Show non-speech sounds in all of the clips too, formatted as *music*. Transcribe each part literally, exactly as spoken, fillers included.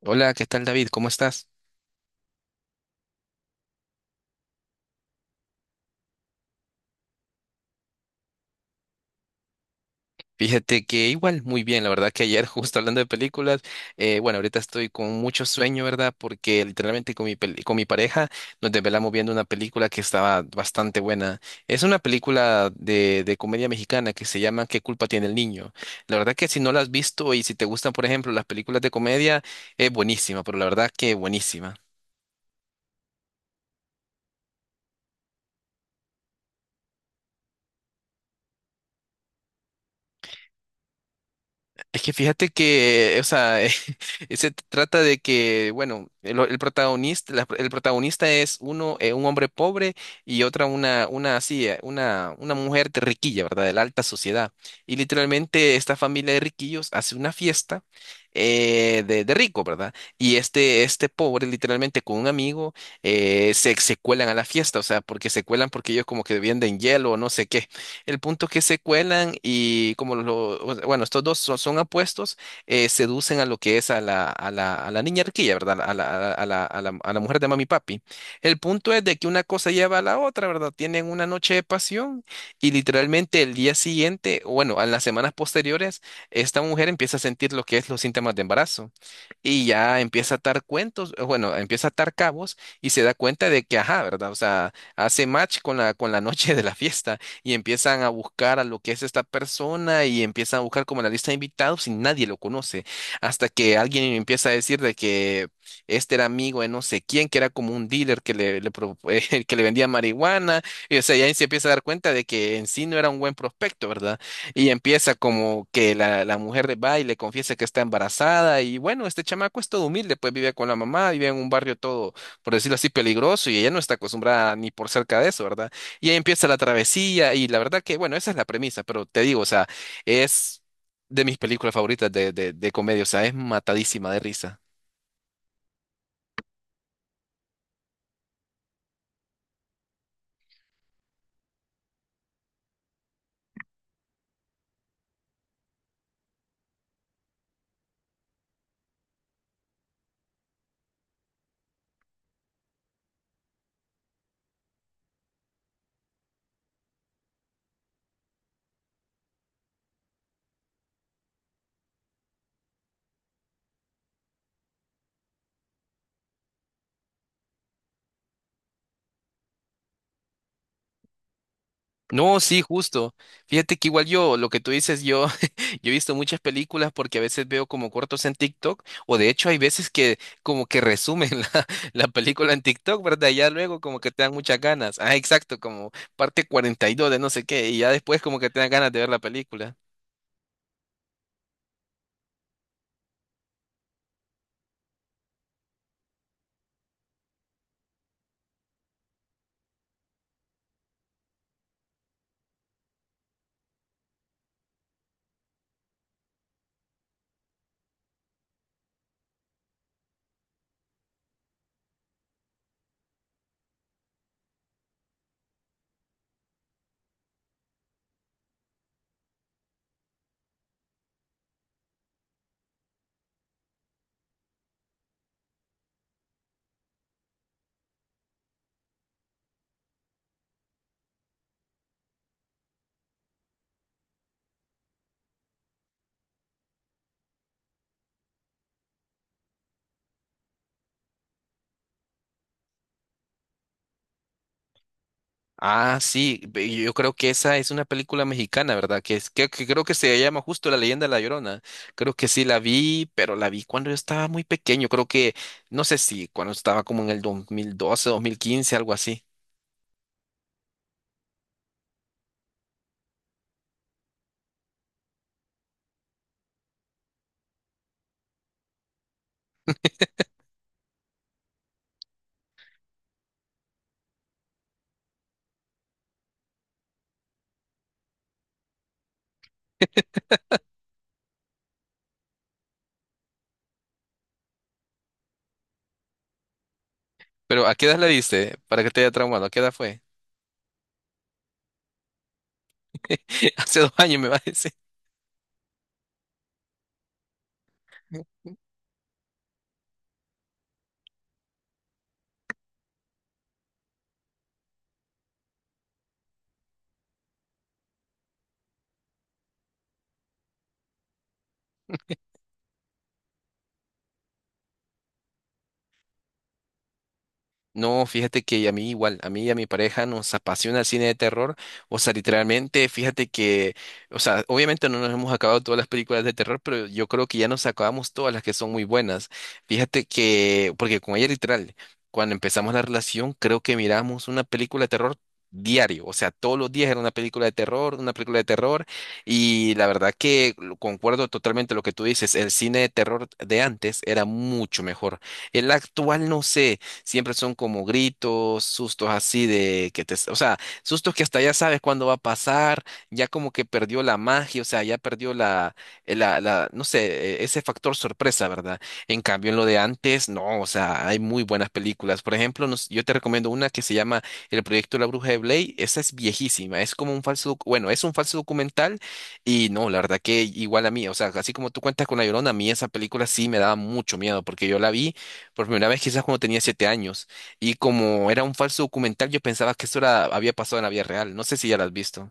Hola, ¿qué tal, David? ¿Cómo estás? Fíjate que igual, muy bien, la verdad que ayer *laughs* justo hablando de películas, eh, bueno, ahorita estoy con mucho sueño, ¿verdad? Porque literalmente con mi, pel- con mi pareja nos desvelamos viendo una película que estaba bastante buena. Es una película de, de comedia mexicana que se llama ¿Qué culpa tiene el niño? La verdad que si no la has visto y si te gustan, por ejemplo, las películas de comedia, es buenísima, pero la verdad que buenísima. Es que fíjate que, o sea, *laughs* se trata de que, bueno, el, el protagonista, la- el protagonista es uno, eh, un hombre pobre y otra una, una así, eh, una, una mujer de riquilla, ¿verdad? De la alta sociedad. Y literalmente esta familia de riquillos hace una fiesta eh, de, de rico, ¿verdad? Y este, este pobre, literalmente con un amigo, eh, se, se cuelan a la fiesta, o sea, porque se cuelan porque ellos como que venden hielo o no sé qué. El punto que se cuelan y como lo, o- sea, bueno, estos dos son, son apuestos, eh, seducen a lo que es a la, a la, a la niña arquilla, ¿verdad? A la, a la, a la, a la mujer de mami y papi. El punto es de que una cosa lleva a la otra, ¿verdad? Tienen una noche de pasión y literalmente el día siguiente, o bueno, en las semanas posteriores, esta mujer empieza a sentir lo que es los síntomas de embarazo y ya empieza a atar cuentos, eh, bueno, empieza a atar cabos y se da cuenta de que, ajá, ¿verdad? O sea, hace match con la, con la noche de la fiesta y empiezan a buscar a lo que es esta persona y empiezan a buscar como la lista de invitados y nadie lo conoce, hasta que alguien empieza a decir de que este era amigo de no sé quién, que era como un dealer que le, le pro- *laughs* eh, que le vendía marihuana, y o sea, ya ahí se empieza a dar cuenta de que en sí no era un buen prospecto, ¿verdad? Y empieza como que la, la mujer de va y le confiesa que está embarazada y, bueno, este chamaco es todo humilde, pues vive con la mamá, vive en un barrio todo, por decirlo así, peligroso, y ella no está acostumbrada ni por cerca de eso, ¿verdad? Y ahí empieza la travesía, y la verdad que, bueno, esa es la premisa, pero te digo, o sea, es de mis películas favoritas de, de, de comedia, o sea, es matadísima de risa. No, sí, justo. Fíjate que igual yo, lo que tú dices, yo, *laughs* yo he visto muchas películas porque a veces veo como cortos en TikTok, o de hecho hay veces que como que resumen *laughs* la, la película en TikTok, ¿verdad? Y ya luego como que te dan muchas ganas. Ah, exacto, como parte cuarenta y dos de no sé qué, y ya después como que te dan ganas de ver la película. Ah, sí, ve- yo creo que esa es una película mexicana, ¿verdad? Que, es, que, que creo que se llama justo La Leyenda de la Llorona. Creo que sí la vi, pero la vi cuando yo estaba muy pequeño. Creo que, no sé si cuando estaba como en el dos mil doce, dos mil quince, algo así. *laughs* Pero ¿a qué edad la viste? Para que te haya traumado, ¿a qué edad fue? *laughs* Hace dos años, me va a decir. No, fíjate que a mí igual, a mí y a mi pareja nos apasiona el cine de terror. O sea, literalmente, fíjate que, o sea, obviamente no nos hemos acabado todas las películas de terror, pero yo creo que ya nos acabamos todas las que son muy buenas. Fíjate que, porque con ella literal, cuando empezamos la relación, creo que miramos una película de terror diario. O sea, todos los días era una película de terror, una película de terror. Y la verdad que lo- concuerdo totalmente lo que tú dices, el cine de terror de antes era mucho mejor. El actual, no sé, siempre son como gritos, sustos, así de que te, o sea, sustos que hasta ya sabes cuándo va a pasar, ya como que perdió la magia, o sea, ya perdió la, eh, la, la, no sé, eh, ese factor sorpresa, ¿verdad? En cambio, en lo de antes, no, o sea, hay muy buenas películas. Por ejemplo, nos- yo te recomiendo una que se llama El Proyecto de la Bruja de Blair. Esa es viejísima, es como un falso, docu- bueno, es un falso documental, y no, la verdad que igual a mí, o sea, así como tú cuentas con La Llorona, a mí esa película sí me daba mucho miedo porque yo la vi por primera vez quizás cuando tenía siete años. Y como era un falso documental, yo pensaba que eso era- había pasado en la vida real. No sé si ya lo has visto.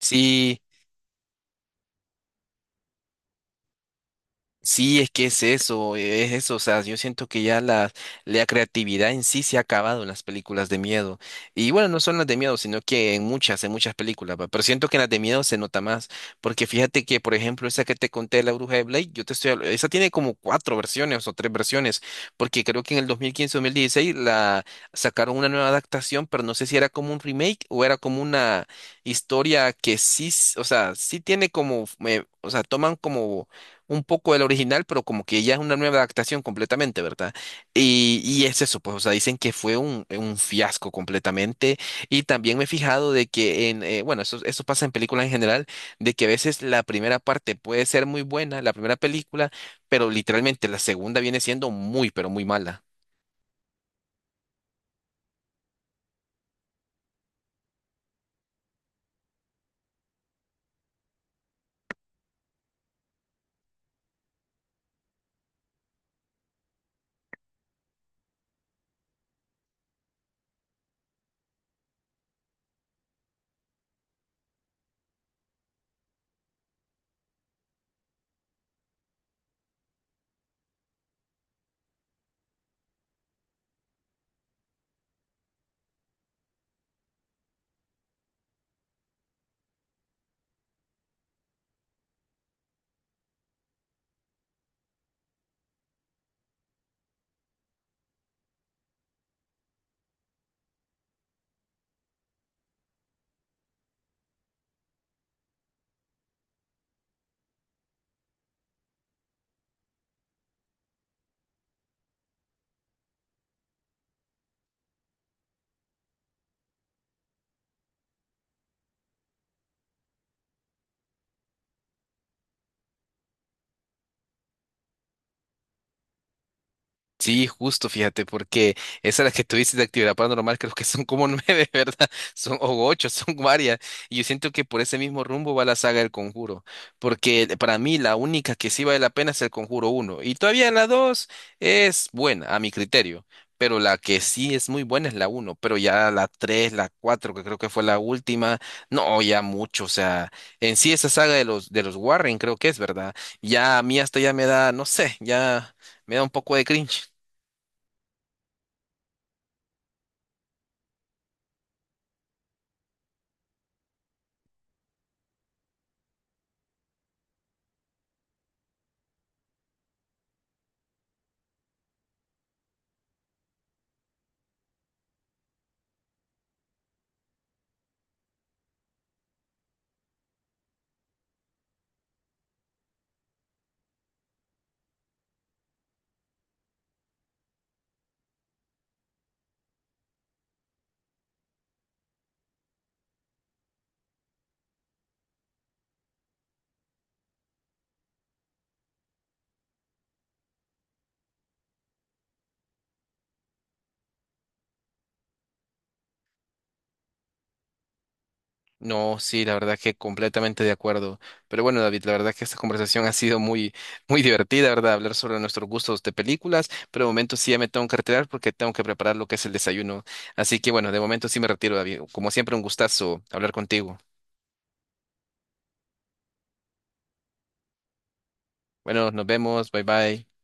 Sí, sí, es que es eso, eh, es eso, o sea, yo siento que ya la, la creatividad en sí se ha acabado en las películas de miedo. Y bueno, no son las de miedo, sino que en muchas, en muchas películas, va, pero siento que en las de miedo se nota más, porque fíjate que, por ejemplo, esa que te conté, La Bruja de Blake, yo te estoy, habl- esa tiene como cuatro versiones o tres versiones, porque creo que en el dos dos mil quince mil dieciséis la sacaron una nueva adaptación, pero no sé si era como un remake o era como una historia que sí, s- o sea, sí tiene como, eh, o sea, toman como un poco del original, pero como que ya es una nueva adaptación completamente, ¿verdad? Y, y es eso, pues, o sea, dicen que fue un, un fiasco completamente. Y también me he fijado de que en, eh, bueno, eso, eso pasa en películas en general, de que a veces la primera parte puede ser muy buena, la primera película, pero literalmente la segunda viene siendo muy, pero muy mala. Sí, justo, fíjate, porque esa es la que tú dices de actividad paranormal, creo que son como *laughs* nueve, ¿verdad? Son o ocho, son varias. Y yo siento que por ese mismo rumbo va la saga del Conjuro, porque para mí la única que sí vale la pena es el Conjuro uno. Y todavía la dos es buena, a mi criterio, pero la que sí es muy buena es la uno, pero ya la tres, la cuatro, que creo que fue la última, no, ya mucho, o sea, en sí esa saga de los, de los Warren, creo que es, ¿verdad? Ya a mí hasta ya me da, no sé, ya me da un poco de cringe. No, sí, la verdad que completamente de acuerdo. Pero bueno, David, la verdad que esta conversación ha sido muy, muy divertida, ¿verdad? Hablar sobre nuestros gustos de películas, pero de momento sí ya me tengo que retirar porque tengo que preparar lo que es el desayuno. Así que bueno, de momento sí me retiro, David. Como siempre, un gustazo hablar contigo. Bueno, nos vemos, bye bye.